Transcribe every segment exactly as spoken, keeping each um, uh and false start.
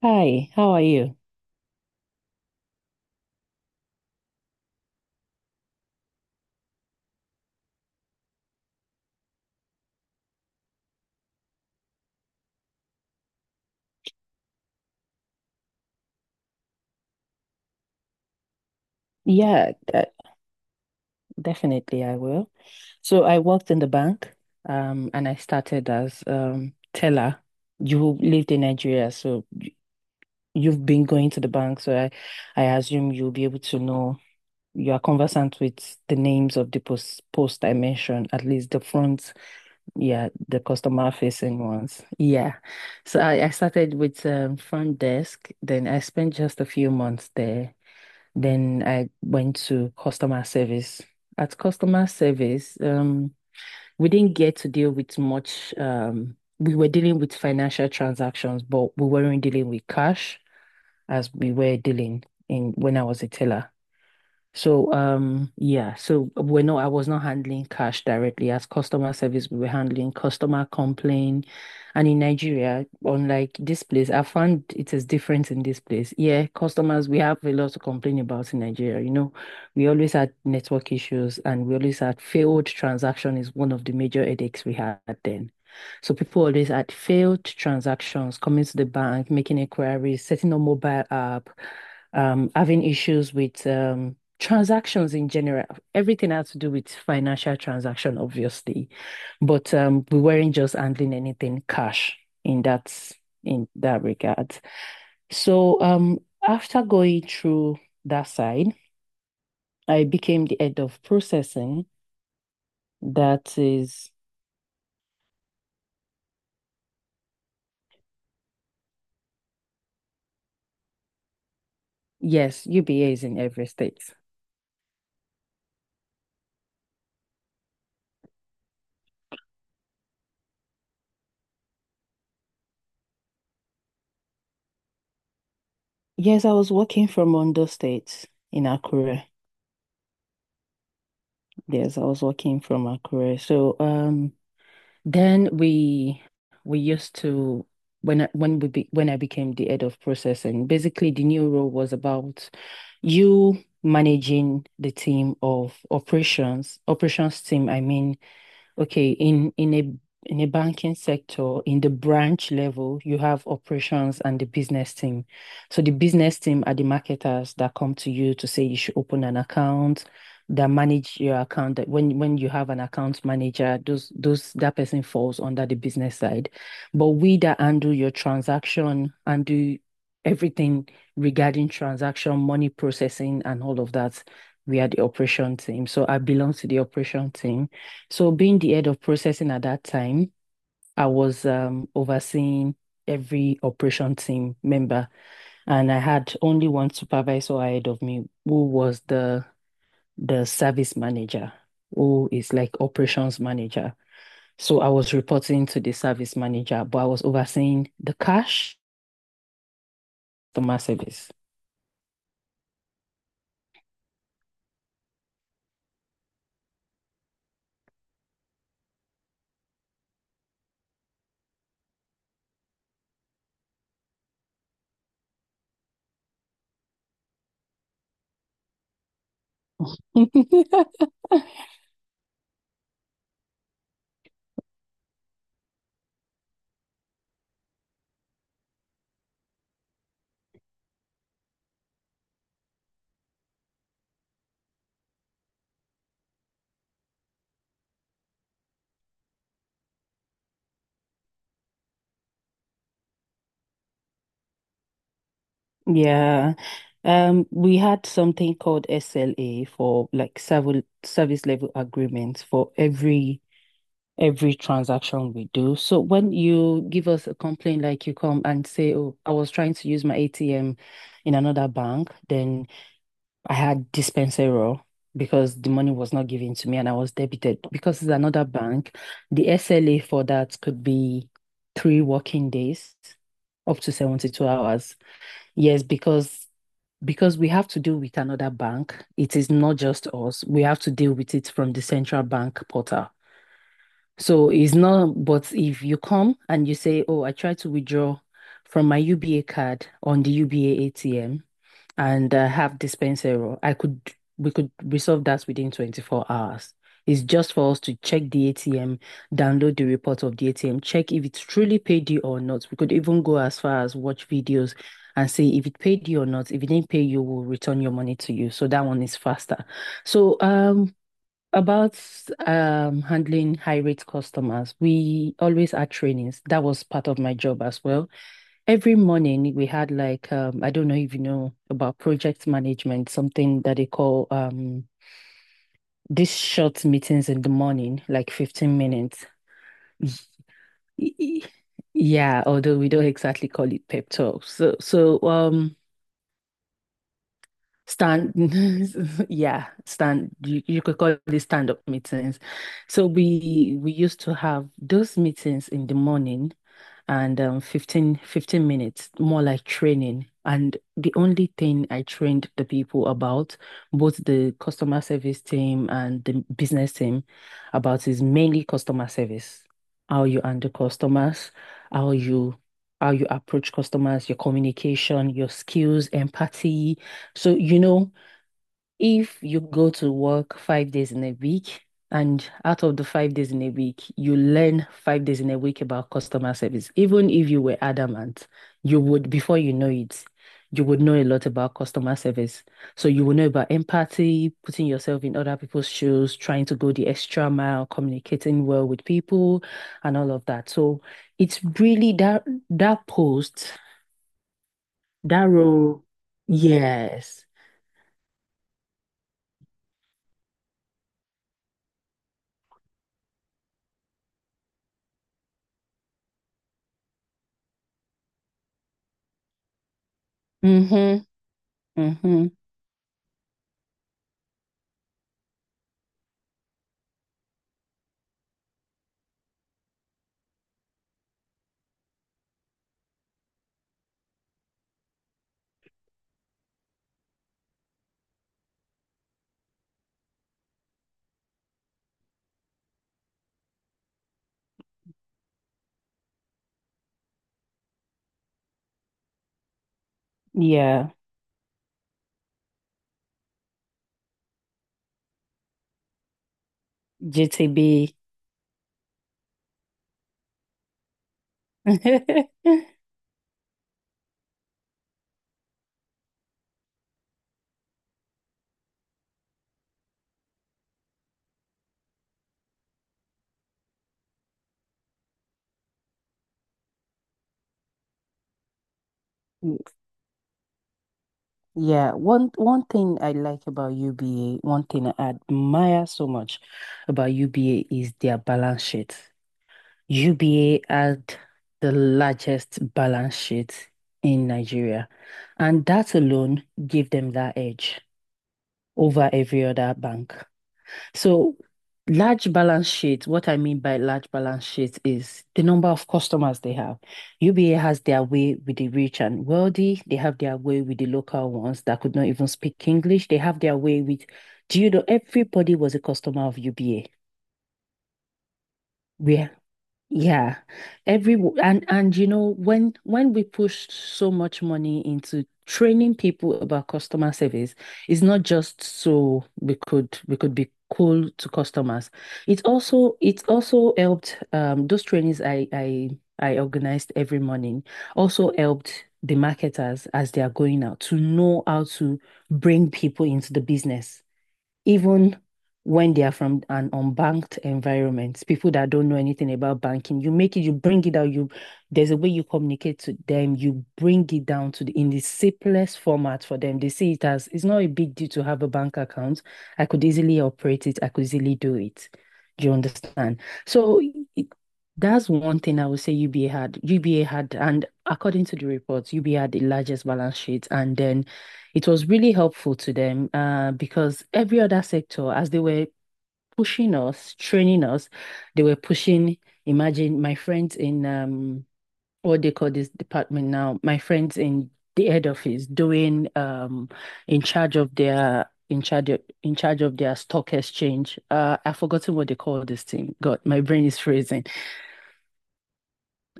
Hi, how are you? Yeah, de- definitely I will. So I worked in the bank, um, and I started as um teller. You lived in Nigeria, so you've been going to the bank, so I, I assume you'll be able to know you are conversant with the names of the post post I mentioned, at least the front, yeah, the customer facing ones. Yeah. So I, I started with um, front desk, then I spent just a few months there. Then I went to customer service. At customer service, um, we didn't get to deal with much. Um, we were dealing with financial transactions, but we weren't dealing with cash as we were dealing in when I was a teller. So, um, yeah, so we're not, I was not handling cash directly. As customer service, we were handling customer complaint. And in Nigeria, unlike this place, I found it is different in this place. Yeah, customers, we have a lot to complain about in Nigeria. You know, we always had network issues and we always had failed transaction is one of the major headaches we had then. So people always had failed transactions, coming to the bank, making inquiries, setting up mobile app, um, having issues with um transactions in general, everything has to do with financial transaction, obviously, but um, we weren't just handling anything cash in that in that regard. So um, after going through that side, I became the head of processing. That is, yes, U B A is in every state. Yes, I was working from Ondo State in Akure. Yes, I was working from Akure. So um. Then we we used to when I, when we be, when I became the head of processing, basically the new role was about you managing the team of operations, operations team, I mean. Okay, in in a in a banking sector, in the branch level, you have operations and the business team. So the business team are the marketers that come to you to say you should open an account, that manage your account. That when when you have an account manager, those those that person falls under the business side. But we that handle your transaction and do everything regarding transaction, money processing, and all of that, we are the operation team. So I belong to the operation team. So being the head of processing at that time, I was um, overseeing every operation team member, and I had only one supervisor ahead of me, who was the the service manager, who is like operations manager. So I was reporting to the service manager, but I was overseeing the cash, customer service. Yeah. Um, we had something called S L A for like several service level agreements for every every transaction we do. So when you give us a complaint, like you come and say, "Oh, I was trying to use my A T M in another bank, then I had Dispensero because the money was not given to me and I was debited." Because it's another bank, the S L A for that could be three working days, up to seventy-two hours. Yes, because because we have to deal with another bank. It is not just us. We have to deal with it from the central bank portal. So it's not, but if you come and you say, "Oh, I tried to withdraw from my U B A card on the U B A A T M and uh, have dispense error." I could we could resolve that within twenty-four hours. It's just for us to check the A T M, download the report of the A T M, check if it's truly paid you or not. We could even go as far as watch videos and see if it paid you or not. If it didn't pay you, we'll return your money to you. So that one is faster. So um about um handling high rate customers, we always had trainings. That was part of my job as well. Every morning we had like um I don't know if you know about project management, something that they call um these short meetings in the morning, like fifteen minutes. Y- y- Yeah, although we don't exactly call it pep talk. So so um stand, yeah, stand. You, you could call it stand-up meetings. So we we used to have those meetings in the morning, and um, fifteen fifteen minutes, more like training. And the only thing I trained the people about, both the customer service team and the business team, about is mainly customer service. How you handle customers, how you how you approach customers, your communication, your skills, empathy. So, you know, if you go to work five days in a week, and out of the five days in a week, you learn five days in a week about customer service, even if you were adamant, you would, before you know it, you would know a lot about customer service. So, you will know about empathy, putting yourself in other people's shoes, trying to go the extra mile, communicating well with people, and all of that. So, it's really that that post, that role. Yes. Mm-hmm. Mm-hmm. Yeah, G T B. Yeah, one one thing I like about U B A, one thing I admire so much about U B A is their balance sheet. U B A had the largest balance sheet in Nigeria, and that alone gave them that edge over every other bank. So, large balance sheet, what I mean by large balance sheet is the number of customers they have. U B A has their way with the rich and wealthy. They have their way with the local ones that could not even speak English. They have their way with, do you know, everybody was a customer of U B A. We yeah, every w- and and you know when when we push so much money into training people about customer service, it's not just so we could we could be cool to customers. It also it also helped um those trainings I I I organized every morning also helped the marketers as they are going out to know how to bring people into the business even when they are from an unbanked environment, people that don't know anything about banking, you make it, you bring it out, you there's a way you communicate to them, you bring it down to the in the simplest format for them. They see it as it's not a big deal to have a bank account. I could easily operate it, I could easily do it. Do you understand? So it- that's one thing I would say U B A had. U B A had, and according to the reports, U B A had the largest balance sheet and then it was really helpful to them uh, because every other sector, as they were pushing us, training us, they were pushing. Imagine my friends in um, what they call this department now, my friends in the head office doing um, in charge of their in charge of, in charge of their stock exchange. Uh, I've forgotten what they call this thing. God, my brain is freezing.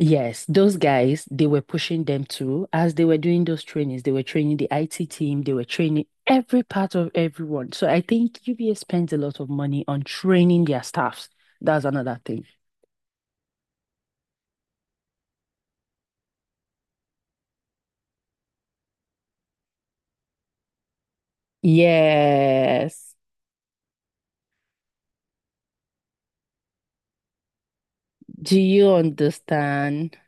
Yes, those guys, they were pushing them too. As they were doing those trainings, they were training the I T team, they were training every part of everyone. So I think U B S spends a lot of money on training their staffs. That's another thing. Yes. Do you understand?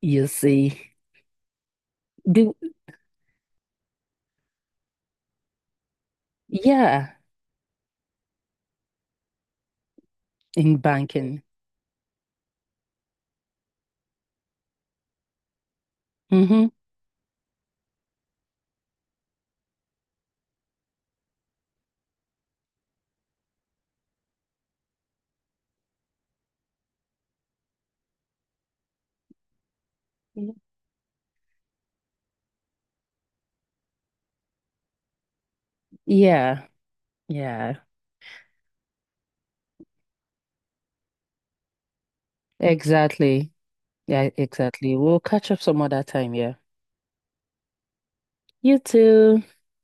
You see. Do yeah, in banking. Mm-hmm. Yeah, yeah, exactly. Yeah, exactly. We'll catch up some other time, yeah. You too.